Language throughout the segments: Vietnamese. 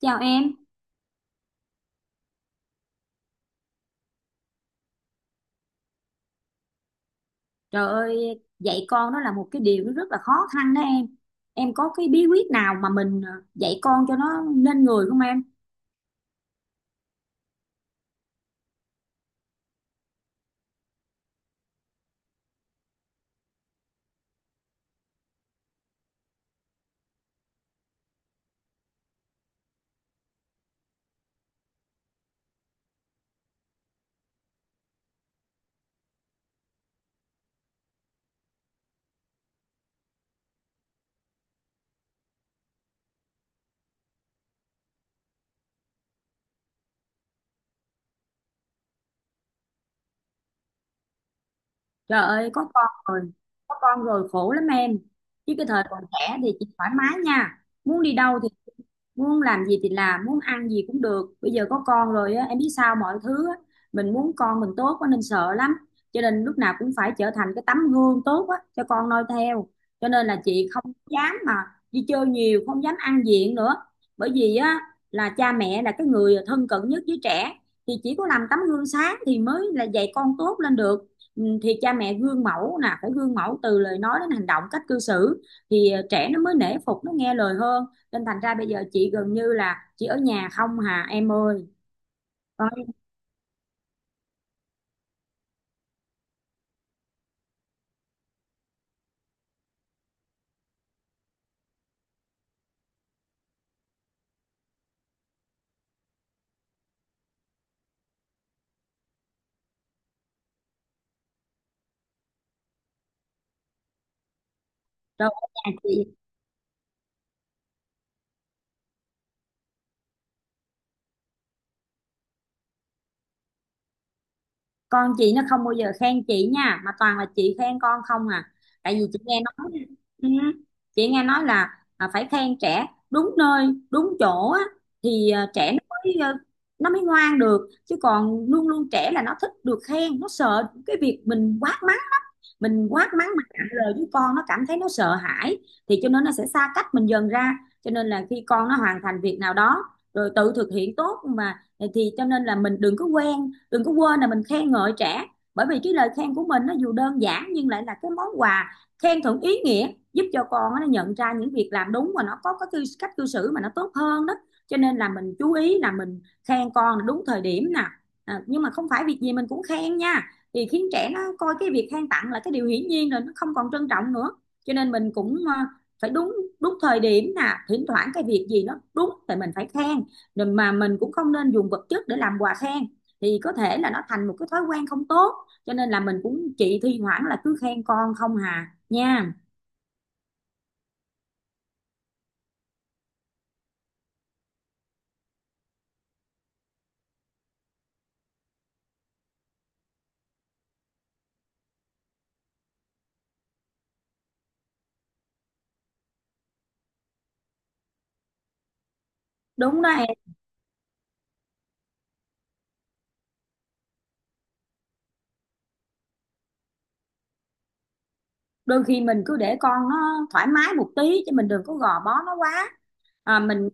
Chào em. Trời ơi, dạy con đó là một cái điều nó rất là khó khăn đó em. Em có cái bí quyết nào mà mình dạy con cho nó nên người không em? Trời ơi, có con rồi, khổ lắm em. Chứ cái thời còn trẻ thì chị thoải mái nha. Muốn đi đâu thì muốn làm gì thì làm, muốn ăn gì cũng được, bây giờ có con rồi á em biết sao mọi thứ á, mình muốn con mình tốt quá nên sợ lắm, cho nên lúc nào cũng phải trở thành cái tấm gương tốt á cho con noi theo, cho nên là chị không dám mà đi chơi nhiều, không dám ăn diện nữa, bởi vì á là cha mẹ là cái người thân cận nhất với trẻ thì chỉ có làm tấm gương sáng thì mới là dạy con tốt lên được. Ừ, thì cha mẹ gương mẫu nè, phải gương mẫu từ lời nói đến hành động, cách cư xử thì trẻ nó mới nể phục, nó nghe lời hơn, nên thành ra bây giờ chị gần như là chị ở nhà không hà em ơi. Ôi, trời ơi, ở nhà chị, con chị nó không bao giờ khen chị nha, mà toàn là chị khen con không à. Tại vì ừ, chị nghe nói là phải khen trẻ đúng nơi đúng chỗ á, thì trẻ nó mới nó mới ngoan được, chứ còn luôn luôn trẻ là nó thích được khen, nó sợ cái việc mình quát mắng lắm. Mình quát mắng mà cạn lời với con, nó cảm thấy nó sợ hãi, thì cho nên nó sẽ xa cách mình dần ra. Cho nên là khi con nó hoàn thành việc nào đó rồi tự thực hiện tốt mà, thì cho nên là mình đừng có quên là mình khen ngợi trẻ, bởi vì cái lời khen của mình nó dù đơn giản nhưng lại là cái món quà khen thưởng ý nghĩa, giúp cho con nó nhận ra những việc làm đúng, và nó có cái cách cư xử mà nó tốt hơn đó. Cho nên là mình chú ý là mình khen con đúng thời điểm nè. À, nhưng mà không phải việc gì mình cũng khen nha, thì khiến trẻ nó coi cái việc khen tặng là cái điều hiển nhiên rồi, nó không còn trân trọng nữa. Cho nên mình cũng phải đúng đúng thời điểm nè, thỉnh thoảng cái việc gì nó đúng thì mình phải khen, rồi mà mình cũng không nên dùng vật chất để làm quà khen, thì có thể là nó thành một cái thói quen không tốt. Cho nên là mình cũng, chị thi thoảng là cứ khen con không hà nha. Đúng đó em. Đôi khi mình cứ để con nó thoải mái một tí, chứ mình đừng có gò bó nó quá. à, mình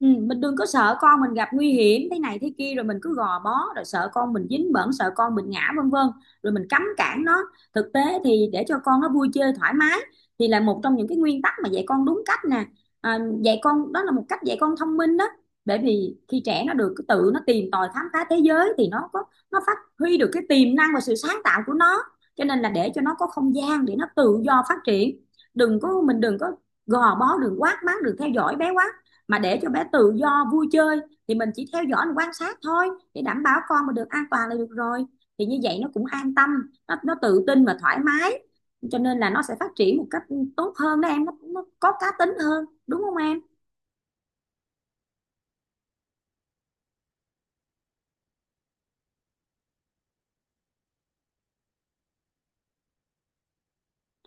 Ừ, mình đừng có sợ con mình gặp nguy hiểm thế này thế kia rồi mình cứ gò bó, rồi sợ con mình dính bẩn, sợ con mình ngã, vân vân, rồi mình cấm cản nó. Thực tế thì để cho con nó vui chơi thoải mái thì là một trong những cái nguyên tắc mà dạy con đúng cách nè. À, dạy con đó là một cách dạy con thông minh đó, bởi vì khi trẻ nó được tự nó tìm tòi khám phá thế giới thì nó có, nó phát huy được cái tiềm năng và sự sáng tạo của nó. Cho nên là để cho nó có không gian để nó tự do phát triển, đừng có mình đừng có gò bó, đừng quát mắng, đừng theo dõi bé quá, mà để cho bé tự do vui chơi. Thì mình chỉ theo dõi, mình quan sát thôi, để đảm bảo con mà được an toàn là được rồi. Thì như vậy nó cũng an tâm, nó tự tin và thoải mái, cho nên là nó sẽ phát triển một cách tốt hơn đó em, nó có cá tính hơn, đúng không em?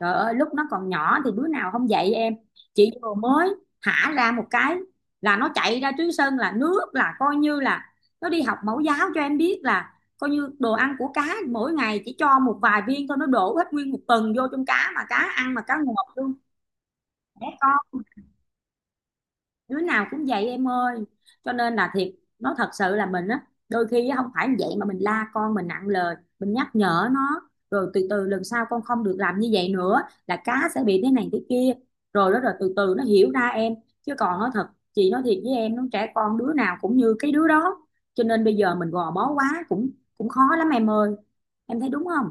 Trời ơi lúc nó còn nhỏ thì đứa nào không dạy em. Chị vừa mới thả ra một cái là nó chạy ra Túy Sơn, là nước là coi như là, nó đi học mẫu giáo cho em biết là, coi như đồ ăn của cá mỗi ngày chỉ cho một vài viên thôi, nó đổ hết nguyên một tuần vô trong cá, mà cá ăn mà cá ngọt luôn. Trẻ con đứa nào cũng vậy em ơi, cho nên là thiệt, nói thật sự là mình á, đôi khi á, không phải như vậy mà mình la con mình nặng lời, mình nhắc nhở nó rồi từ từ lần sau con không được làm như vậy nữa, là cá sẽ bị thế này thế kia, rồi đó rồi từ từ nó hiểu ra em. Chứ còn nói thật, chị nói thiệt với em, nó trẻ con đứa nào cũng như cái đứa đó, cho nên bây giờ mình gò bó quá cũng cũng khó lắm em ơi, em thấy đúng không?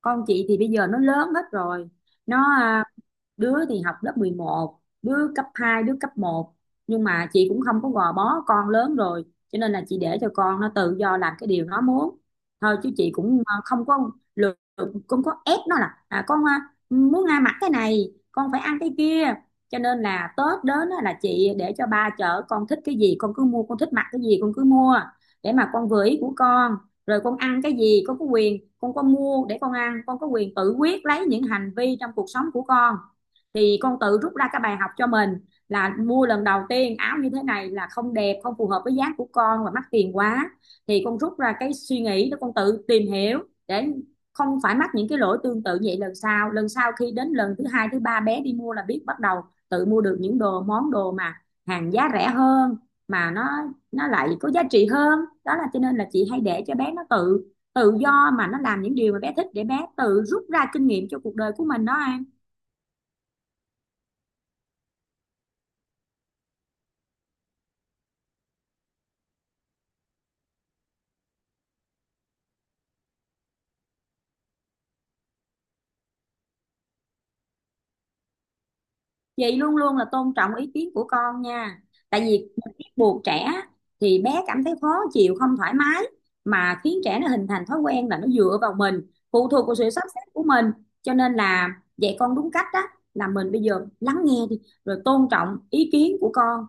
Con chị thì bây giờ nó lớn hết rồi, nó đứa thì học lớp 11, đứa cấp 2, đứa cấp một, nhưng mà chị cũng không có gò bó, con lớn rồi, cho nên là chị để cho con nó tự do làm cái điều nó muốn thôi. Chứ chị cũng không có lừa, cũng có ép nó là con muốn ăn mặc cái này con phải ăn cái kia. Cho nên là Tết đến á, là chị để cho ba chở con, thích cái gì con cứ mua, con thích mặc cái gì con cứ mua, để mà con vừa ý của con. Rồi con ăn cái gì con có quyền, con có mua để con ăn, con có quyền tự quyết lấy những hành vi trong cuộc sống của con, thì con tự rút ra cái bài học cho mình, là mua lần đầu tiên áo như thế này là không đẹp, không phù hợp với dáng của con và mắc tiền quá, thì con rút ra cái suy nghĩ đó, con tự tìm hiểu để không phải mắc những cái lỗi tương tự vậy lần sau khi đến lần thứ hai thứ ba bé đi mua là biết bắt đầu tự mua được những món đồ mà hàng giá rẻ hơn, mà nó lại có giá trị hơn đó. Là cho nên là chị hay để cho bé nó tự tự do mà nó làm những điều mà bé thích, để bé tự rút ra kinh nghiệm cho cuộc đời của mình đó An. Chị luôn luôn là tôn trọng ý kiến của con nha, tại vì ép buộc trẻ thì bé cảm thấy khó chịu, không thoải mái, mà khiến trẻ nó hình thành thói quen là nó dựa vào mình, phụ thuộc vào sự sắp xếp của mình. Cho nên là dạy con đúng cách đó là mình bây giờ lắng nghe đi, rồi tôn trọng ý kiến của con,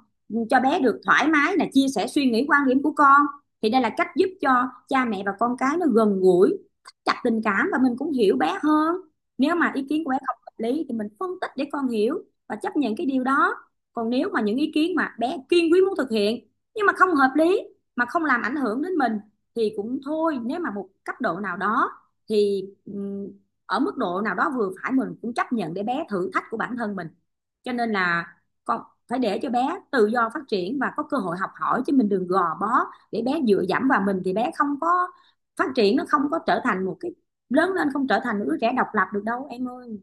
cho bé được thoải mái là chia sẻ suy nghĩ, quan điểm của con. Thì đây là cách giúp cho cha mẹ và con cái nó gần gũi, thắt chặt tình cảm và mình cũng hiểu bé hơn. Nếu mà ý kiến của bé không hợp lý thì mình phân tích để con hiểu và chấp nhận cái điều đó. Còn nếu mà những ý kiến mà bé kiên quyết muốn thực hiện nhưng mà không hợp lý, mà không làm ảnh hưởng đến mình, thì cũng thôi, nếu mà một cấp độ nào đó, thì ở mức độ nào đó vừa phải mình cũng chấp nhận để bé thử thách của bản thân mình. Cho nên là con phải để cho bé tự do phát triển và có cơ hội học hỏi, chứ mình đừng gò bó để bé dựa dẫm vào mình, thì bé không có phát triển, nó không có trở thành một cái, lớn lên không trở thành một đứa trẻ độc lập được đâu em ơi.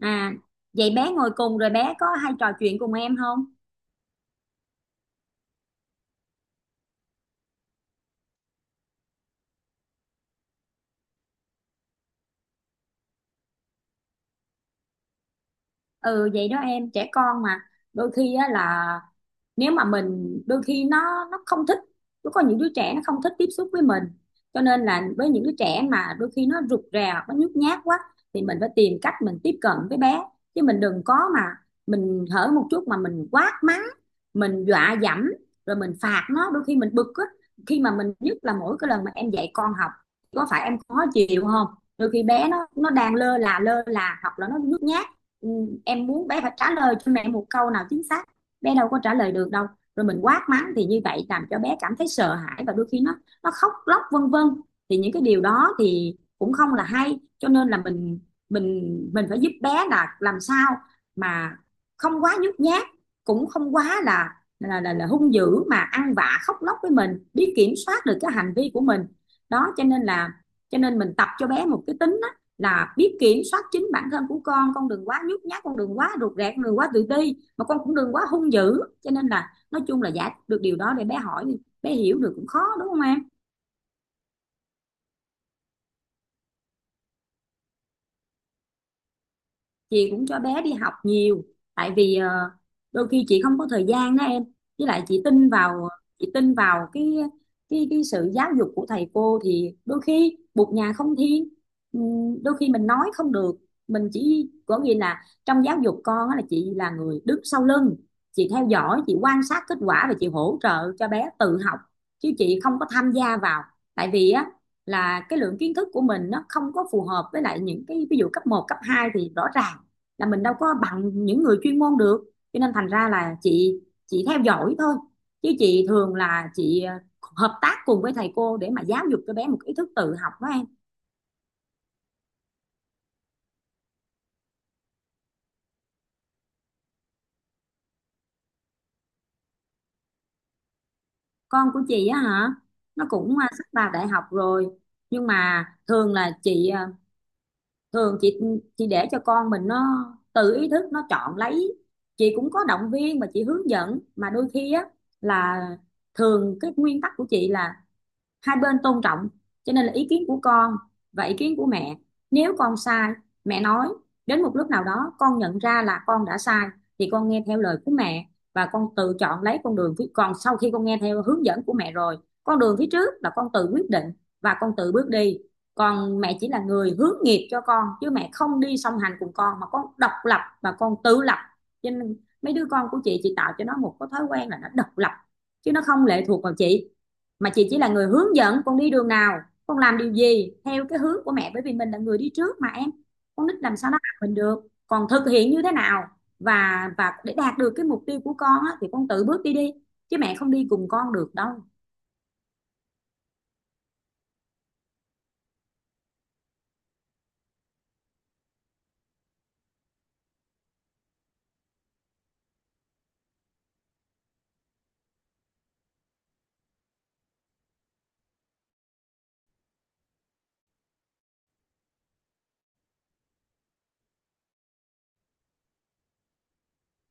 À, vậy bé ngồi cùng rồi bé có hay trò chuyện cùng em không? Ừ vậy đó em, trẻ con mà, đôi khi á là, nếu mà mình đôi khi nó không thích, nó có những đứa trẻ nó không thích tiếp xúc với mình, cho nên là với những đứa trẻ mà đôi khi nó rụt rè hoặc nó nhút nhát quá, thì mình phải tìm cách mình tiếp cận với bé, chứ mình đừng có mà mình hở một chút mà mình quát mắng, mình dọa dẫm, rồi mình phạt nó. Đôi khi mình bực á, khi mà mình, nhất là mỗi cái lần mà em dạy con học, có phải em khó chịu không? Đôi khi bé nó đang lơ là hoặc là nó nhút nhát. ừ, em muốn bé phải trả lời cho mẹ một câu nào chính xác, bé đâu có trả lời được đâu. Rồi mình quát mắng thì như vậy làm cho bé cảm thấy sợ hãi, và đôi khi nó khóc lóc vân vân. Thì những cái điều đó thì cũng không là hay, cho nên là mình phải giúp bé là làm sao mà không quá nhút nhát, cũng không quá là là hung dữ mà ăn vạ khóc lóc, với mình biết kiểm soát được cái hành vi của mình. Đó cho nên là, cho nên mình tập cho bé một cái tính là biết kiểm soát chính bản thân của con. Con đừng quá nhút nhát, con đừng quá rụt rè, con đừng quá tự ti, mà con cũng đừng quá hung dữ. Cho nên là nói chung là giải được điều đó để bé hỏi, bé hiểu được cũng khó, đúng không em? Chị cũng cho bé đi học nhiều, tại vì đôi khi chị không có thời gian đó em. Với lại chị tin vào, chị tin vào cái sự giáo dục của thầy cô, thì đôi khi bụt nhà không thiên. Đôi khi mình nói không được, mình chỉ có nghĩa là trong giáo dục con á, là chị là người đứng sau lưng. Chị theo dõi, chị quan sát kết quả và chị hỗ trợ cho bé tự học, chứ chị không có tham gia vào. Tại vì á, là cái lượng kiến thức của mình nó không có phù hợp, với lại những cái ví dụ cấp một cấp 2 thì rõ ràng là mình đâu có bằng những người chuyên môn được. Cho nên thành ra là chị theo dõi thôi, chứ chị thường là chị hợp tác cùng với thầy cô để mà giáo dục cho bé một ý thức tự học đó em. Con của chị á hả, nó cũng sắp vào đại học rồi. Nhưng mà thường là chị thường chị để cho con mình nó tự ý thức nó chọn lấy. Chị cũng có động viên và chị hướng dẫn, mà đôi khi á, là thường cái nguyên tắc của chị là hai bên tôn trọng. Cho nên là ý kiến của con và ý kiến của mẹ, nếu con sai, mẹ nói, đến một lúc nào đó con nhận ra là con đã sai thì con nghe theo lời của mẹ. Và con tự chọn lấy con đường phía còn sau khi con nghe theo hướng dẫn của mẹ rồi, con đường phía trước là con tự quyết định và con tự bước đi. Còn mẹ chỉ là người hướng nghiệp cho con, chứ mẹ không đi song hành cùng con, mà con độc lập và con tự lập. Cho nên mấy đứa con của chị tạo cho nó một cái thói quen là nó độc lập, chứ nó không lệ thuộc vào chị. Mà chị chỉ là người hướng dẫn con đi đường nào, con làm điều gì theo cái hướng của mẹ, bởi vì mình là người đi trước mà em. Con nít làm sao nó học mình được. Còn thực hiện như thế nào và để đạt được cái mục tiêu của con á, thì con tự bước đi đi, chứ mẹ không đi cùng con được đâu.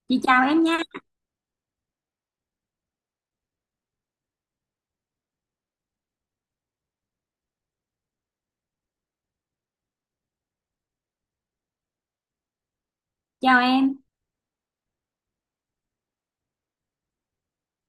Chị chào em nha. Chào em.